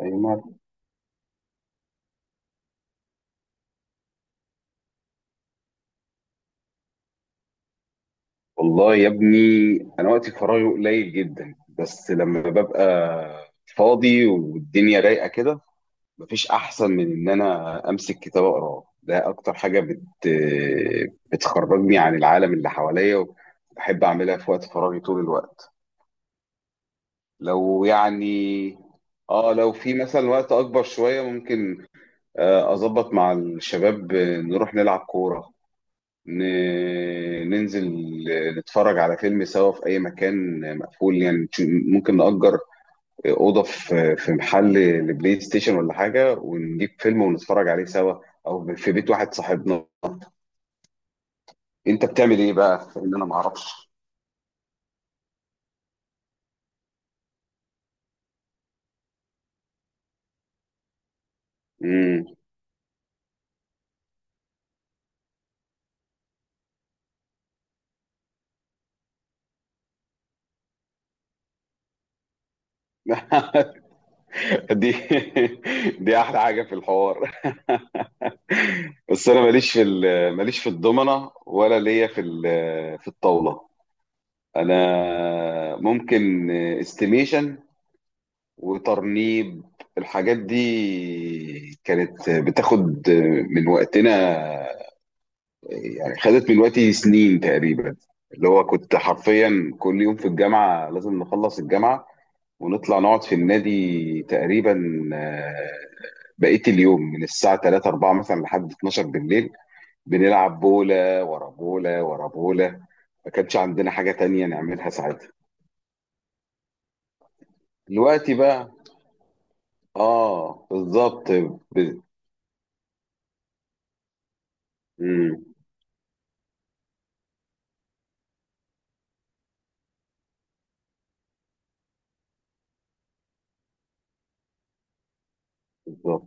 أيوة. والله يا ابني انا وقتي فراغي قليل جدا، بس لما ببقى فاضي والدنيا رايقه كده مفيش احسن من ان انا امسك كتاب اقراه. ده اكتر حاجه بتخرجني عن العالم اللي حواليا، وبحب اعملها في وقت فراغي طول الوقت. لو يعني اه لو في مثلا وقت اكبر شويه ممكن. اظبط مع الشباب، نروح نلعب كوره، ننزل نتفرج على فيلم سوا في أي مكان مقفول يعني. ممكن نأجر أوضة في محل لبلاي ستيشن ولا حاجة، ونجيب فيلم ونتفرج عليه سوا، أو في بيت واحد صاحبنا. أنت بتعمل إيه بقى؟ إن أنا معرفش. مم. دي دي احلى حاجه في الحوار. بس انا ماليش في الضمنه، ولا ليا في الطاوله. انا ممكن استيميشن وترنيب. الحاجات دي كانت بتاخد من وقتنا، يعني خدت من وقتي سنين تقريبا. اللي هو كنت حرفيا كل يوم في الجامعة لازم نخلص الجامعة ونطلع نقعد في النادي تقريبا آه، بقية اليوم من الساعة 3 4 مثلا لحد 12 بالليل، بنلعب بولة ورا بولة ورا بولة. ما كانش عندنا حاجة تانية نعملها ساعتها. دلوقتي بقى. اه، بالظبط. ب... مم، بالظبط.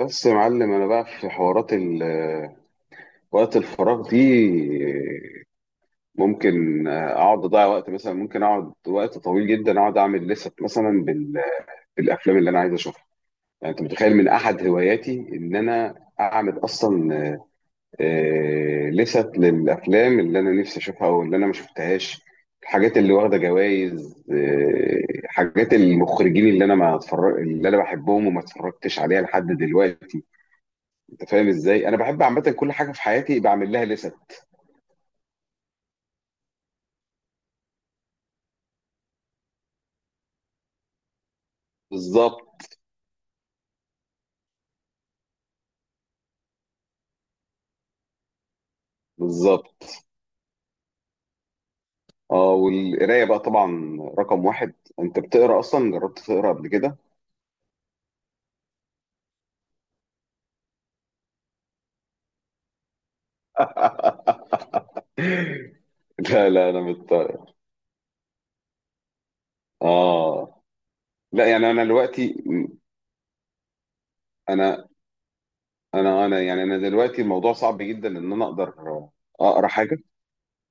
بس يا معلم انا بقى في حوارات وقت الفراغ دي ممكن اقعد اضيع وقت، مثلا ممكن اقعد وقت طويل جدا اقعد اعمل لست مثلا بالافلام اللي انا عايز اشوفها. يعني انت متخيل من احد هواياتي ان انا اعمل اصلا لست للافلام اللي انا نفسي اشوفها او اللي انا ما شفتهاش، الحاجات اللي واخده جوائز، حاجات المخرجين اللي انا ما اتفرج اللي انا بحبهم وما اتفرجتش عليها لحد دلوقتي. أنت فاهم إزاي؟ أنا باحب عامةً كل حاجة في حياتي باعمل لها لِسَت. بالضبط، بالضبط. والقراية بقى طبعًا رقم 1. أنت بتقرا أصلًا؟ جرّبت تقرا قبل كده؟ لا، لا، أنا مضطر. آه. لأ، يعني أنا دلوقتي أنا أنا يعني أنا دلوقتي الموضوع صعب جدًا إن أنا أقدر أقرا حاجة،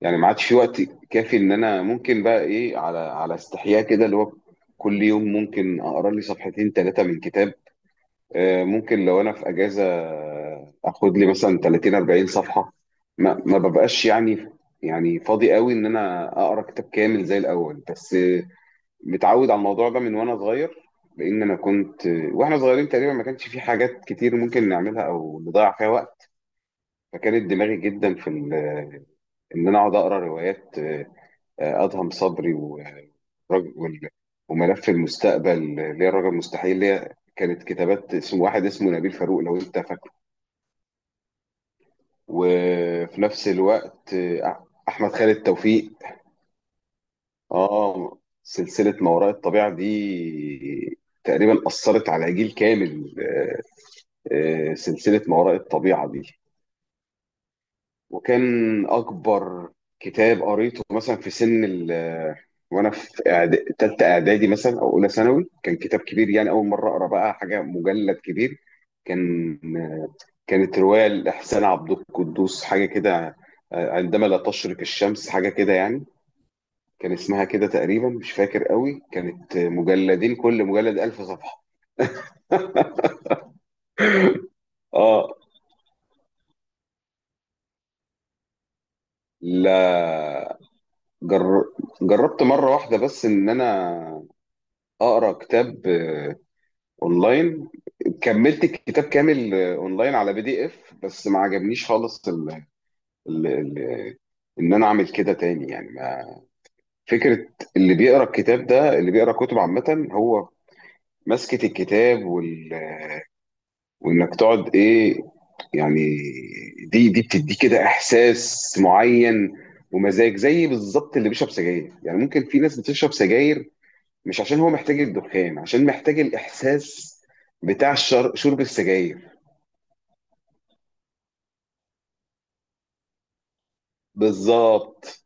يعني ما عادش في وقت كافي إن أنا ممكن بقى إيه، على استحياء كده، اللي هو كل يوم ممكن أقرا لي صفحتين، 3 من كتاب. ممكن لو انا في اجازه اخد لي مثلا 30 40 صفحه. ما ببقاش يعني، يعني فاضي قوي ان انا اقرا كتاب كامل زي الاول. بس متعود على الموضوع ده من وانا صغير، لان انا كنت آه، واحنا صغيرين تقريبا ما كانش في حاجات كتير ممكن نعملها او نضيع فيها وقت. فكانت دماغي جدا ان انا اقعد اقرا روايات، ادهم صبري والرج- وال- وملف المستقبل اللي هي الرجل المستحيل، اللي هي كانت كتابات اسم واحد اسمه نبيل فاروق لو انت. وفي نفس الوقت احمد خالد توفيق. اه. سلسله ما وراء الطبيعه دي تقريبا اثرت على جيل كامل. سلسله ما وراء الطبيعه دي. وكان اكبر كتاب قريته مثلا في سن وانا في تالتة اعدادي مثلا او اولى ثانوي كان كتاب كبير، يعني اول مره اقرا بقى حاجه مجلد كبير. كان كانت روايه لاحسان عبد القدوس، حاجه كده، عندما لا تشرق الشمس، حاجه كده يعني. كان اسمها كده تقريبا، مش فاكر قوي، كانت مجلدين، كل مجلد 1000 صفحه. اه، لا. جر... جربت مره واحده بس ان انا اقرا كتاب اونلاين، كملت الكتاب كامل اونلاين على بي دي اف، بس ما عجبنيش خالص ال ال ال ان انا اعمل كده تاني. يعني ما فكره اللي بيقرا الكتاب ده، اللي بيقرا كتب عامه، هو مسكه الكتاب وانك تقعد ايه يعني. دي بتدي كده احساس معين ومزاج، زي بالظبط اللي بيشرب سجاير، يعني ممكن في ناس بتشرب سجاير مش عشان هو محتاج الدخان، عشان محتاج الاحساس بتاع شرب السجاير. بالظبط.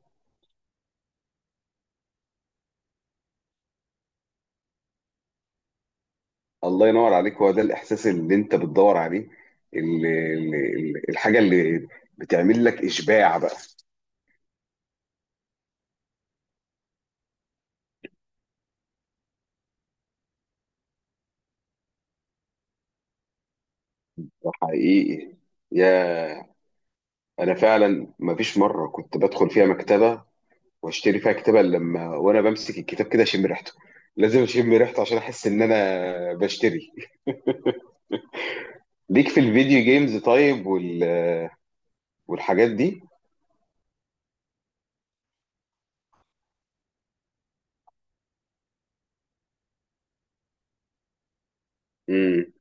الله ينور عليك، هو ده الاحساس اللي انت بتدور عليه، الحاجه اللي بتعمل لك اشباع بقى. حقيقي. يا انا فعلا ما فيش مره كنت بدخل فيها مكتبه واشتري فيها كتاب إلا لما وانا بمسك الكتاب كده اشم ريحته، لازم اشم ريحته عشان احس ان انا بشتري. ليك في الفيديو جيمز طيب والحاجات دي؟ امم.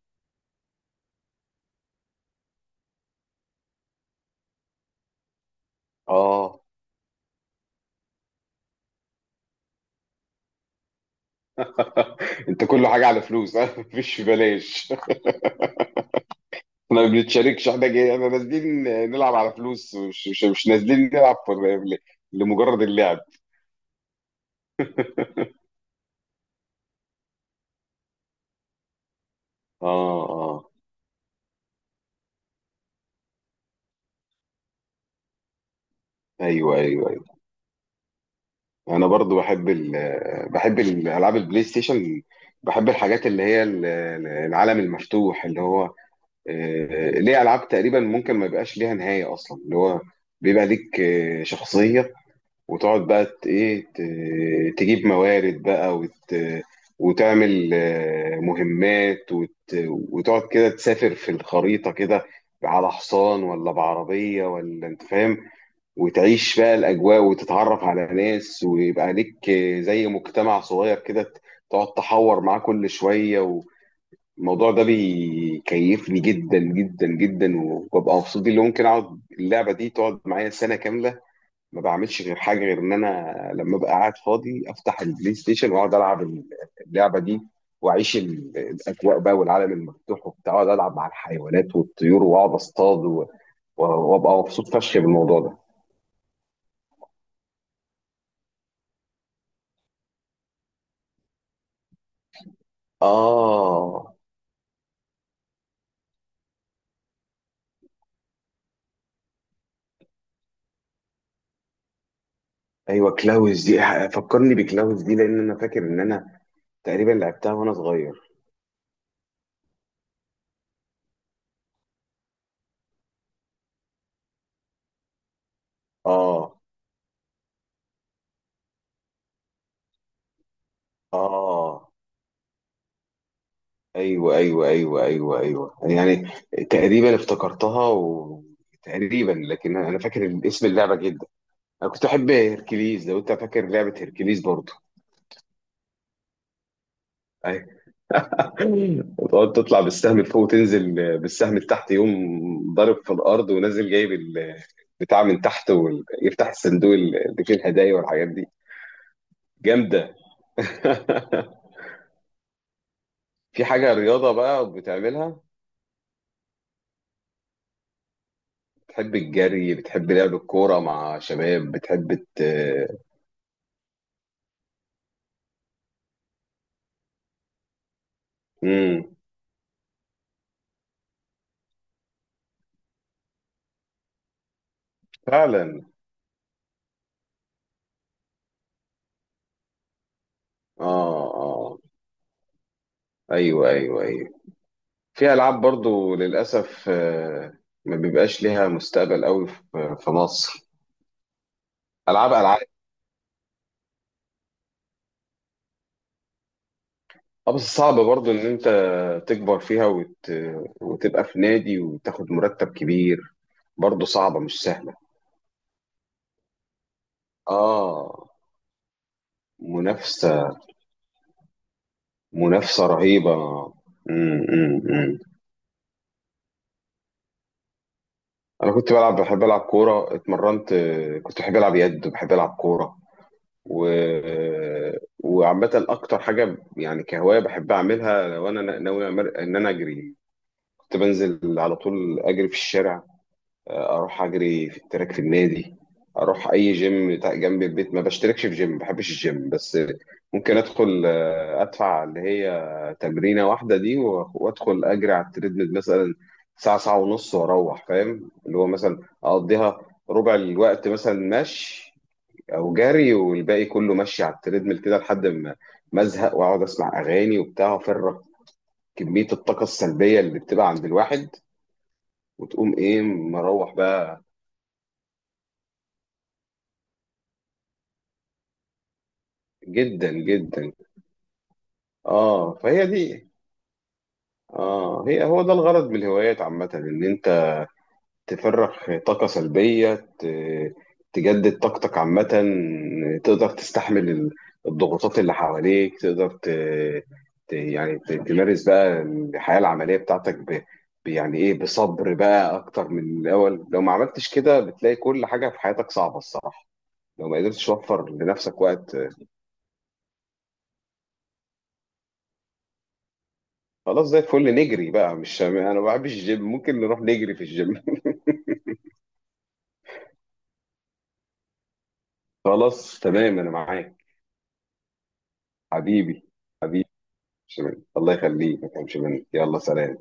اه. انت كل حاجه على فلوس. مفيش بلاش. احنا ما بنتشاركش، احنا جاي، احنا نازلين نلعب على فلوس، مش نازلين نلعب لمجرد اللعب. اه، اه، ايوه، ايوه، ايوه. انا برضو بحب بحب الالعاب البلاي ستيشن، بحب الحاجات اللي هي العالم المفتوح. اللي هو ليه العاب تقريبا ممكن ما يبقاش ليها نهايه اصلا، اللي هو بيبقى ليك شخصيه، وتقعد بقى تجيب موارد بقى وتعمل مهمات وتقعد كده تسافر في الخريطة كده على حصان ولا بعربية ولا انت فاهم، وتعيش بقى الأجواء، وتتعرف على ناس، ويبقى ليك زي مجتمع صغير كده تقعد تحور معاه كل شوية. والموضوع ده بيكيفني جدا جدا جدا، وببقى مبسوط بيه، اللي ممكن اقعد اللعبة دي تقعد معايا سنة كاملة ما بعملش غير حاجه غير ان انا لما ابقى قاعد فاضي افتح البلاي ستيشن واقعد العب اللعبه دي، واعيش الاجواء بقى والعالم المفتوح وبتاع، اقعد العب مع الحيوانات والطيور، واقعد اصطاد، وابقى مبسوط فشخ بالموضوع ده. اه، ايوه، كلاوز دي فكرني بكلاوز دي لان انا فاكر ان انا تقريبا لعبتها وانا صغير. اه، اه، ايوه، ايوه، ايوه، ايوه، ايوه، يعني تقريبا افتكرتها تقريبا، لكن انا فاكر اسم اللعبه جدا. انا كنت احب هيركليز، لو انت فاكر لعبه هيركليز برضه. ايوه. وتقعد تطلع بالسهم لفوق وتنزل بالسهم لتحت، يقوم ضارب في الارض ونازل جايب البتاع من تحت، ويفتح الصندوق اللي فيه الهدايا والحاجات دي. جامده. في حاجه رياضه بقى بتعملها؟ بتحب الجري؟ بتحب لعب الكوره مع شباب؟ بتحب مم. فعلا. اه، اه، ايوه، ايوه، ايوه. في ألعاب برضو للأسف ما بيبقاش ليها مستقبل قوي في مصر. ألعاب ألعاب. اه، بس صعب برضو إن أنت تكبر فيها وتبقى في نادي وتاخد مرتب كبير، برضو صعبة مش سهلة. آه. منافسة منافسة رهيبة. مم، مم، مم. أنا كنت بلعب، بحب ألعب كورة، اتمرنت، كنت بحب ألعب يد، وبحب ألعب كورة و... وعامة أكتر حاجة يعني كهواية بحب أعملها لو أنا ناوي إن أنا أجري. كنت بنزل على طول أجري في الشارع، أروح أجري في التراك في النادي، أروح أي جيم جنب البيت. ما بشتركش في جيم، ما بحبش الجيم، بس ممكن أدخل أدفع اللي هي تمرينة واحدة دي وأدخل أجري على التريدميل مثلا ساعة ساعة ونص وأروح، فاهم، اللي هو مثلا أقضيها ربع الوقت مثلا مشي او جري والباقي كله ماشي على التريدميل كده لحد ما ازهق، واقعد اسمع اغاني وبتاع، وافرغ كميه الطاقه السلبيه اللي بتبقى عند الواحد، وتقوم ايه مروح بقى. جدا جدا. اه، فهي دي. اه، هو ده الغرض من الهوايات عامه، ان انت تفرغ طاقة سلبية، تجدد طاقتك عامة، تقدر تستحمل الضغوطات اللي حواليك، تقدر تمارس بقى الحياة العملية بتاعتك، يعني ايه بصبر بقى اكتر من الاول. لو ما عملتش كده بتلاقي كل حاجة في حياتك صعبة الصراحة، لو ما قدرتش توفر لنفسك وقت. خلاص زي الفل، نجري بقى، مش انا ما بحبش الجيم، ممكن نروح نجري في الجيم. خلاص تمام، انا معاك، حبيبي. شمال. الله يخليك، ما تفهمش منك، يلا سلام.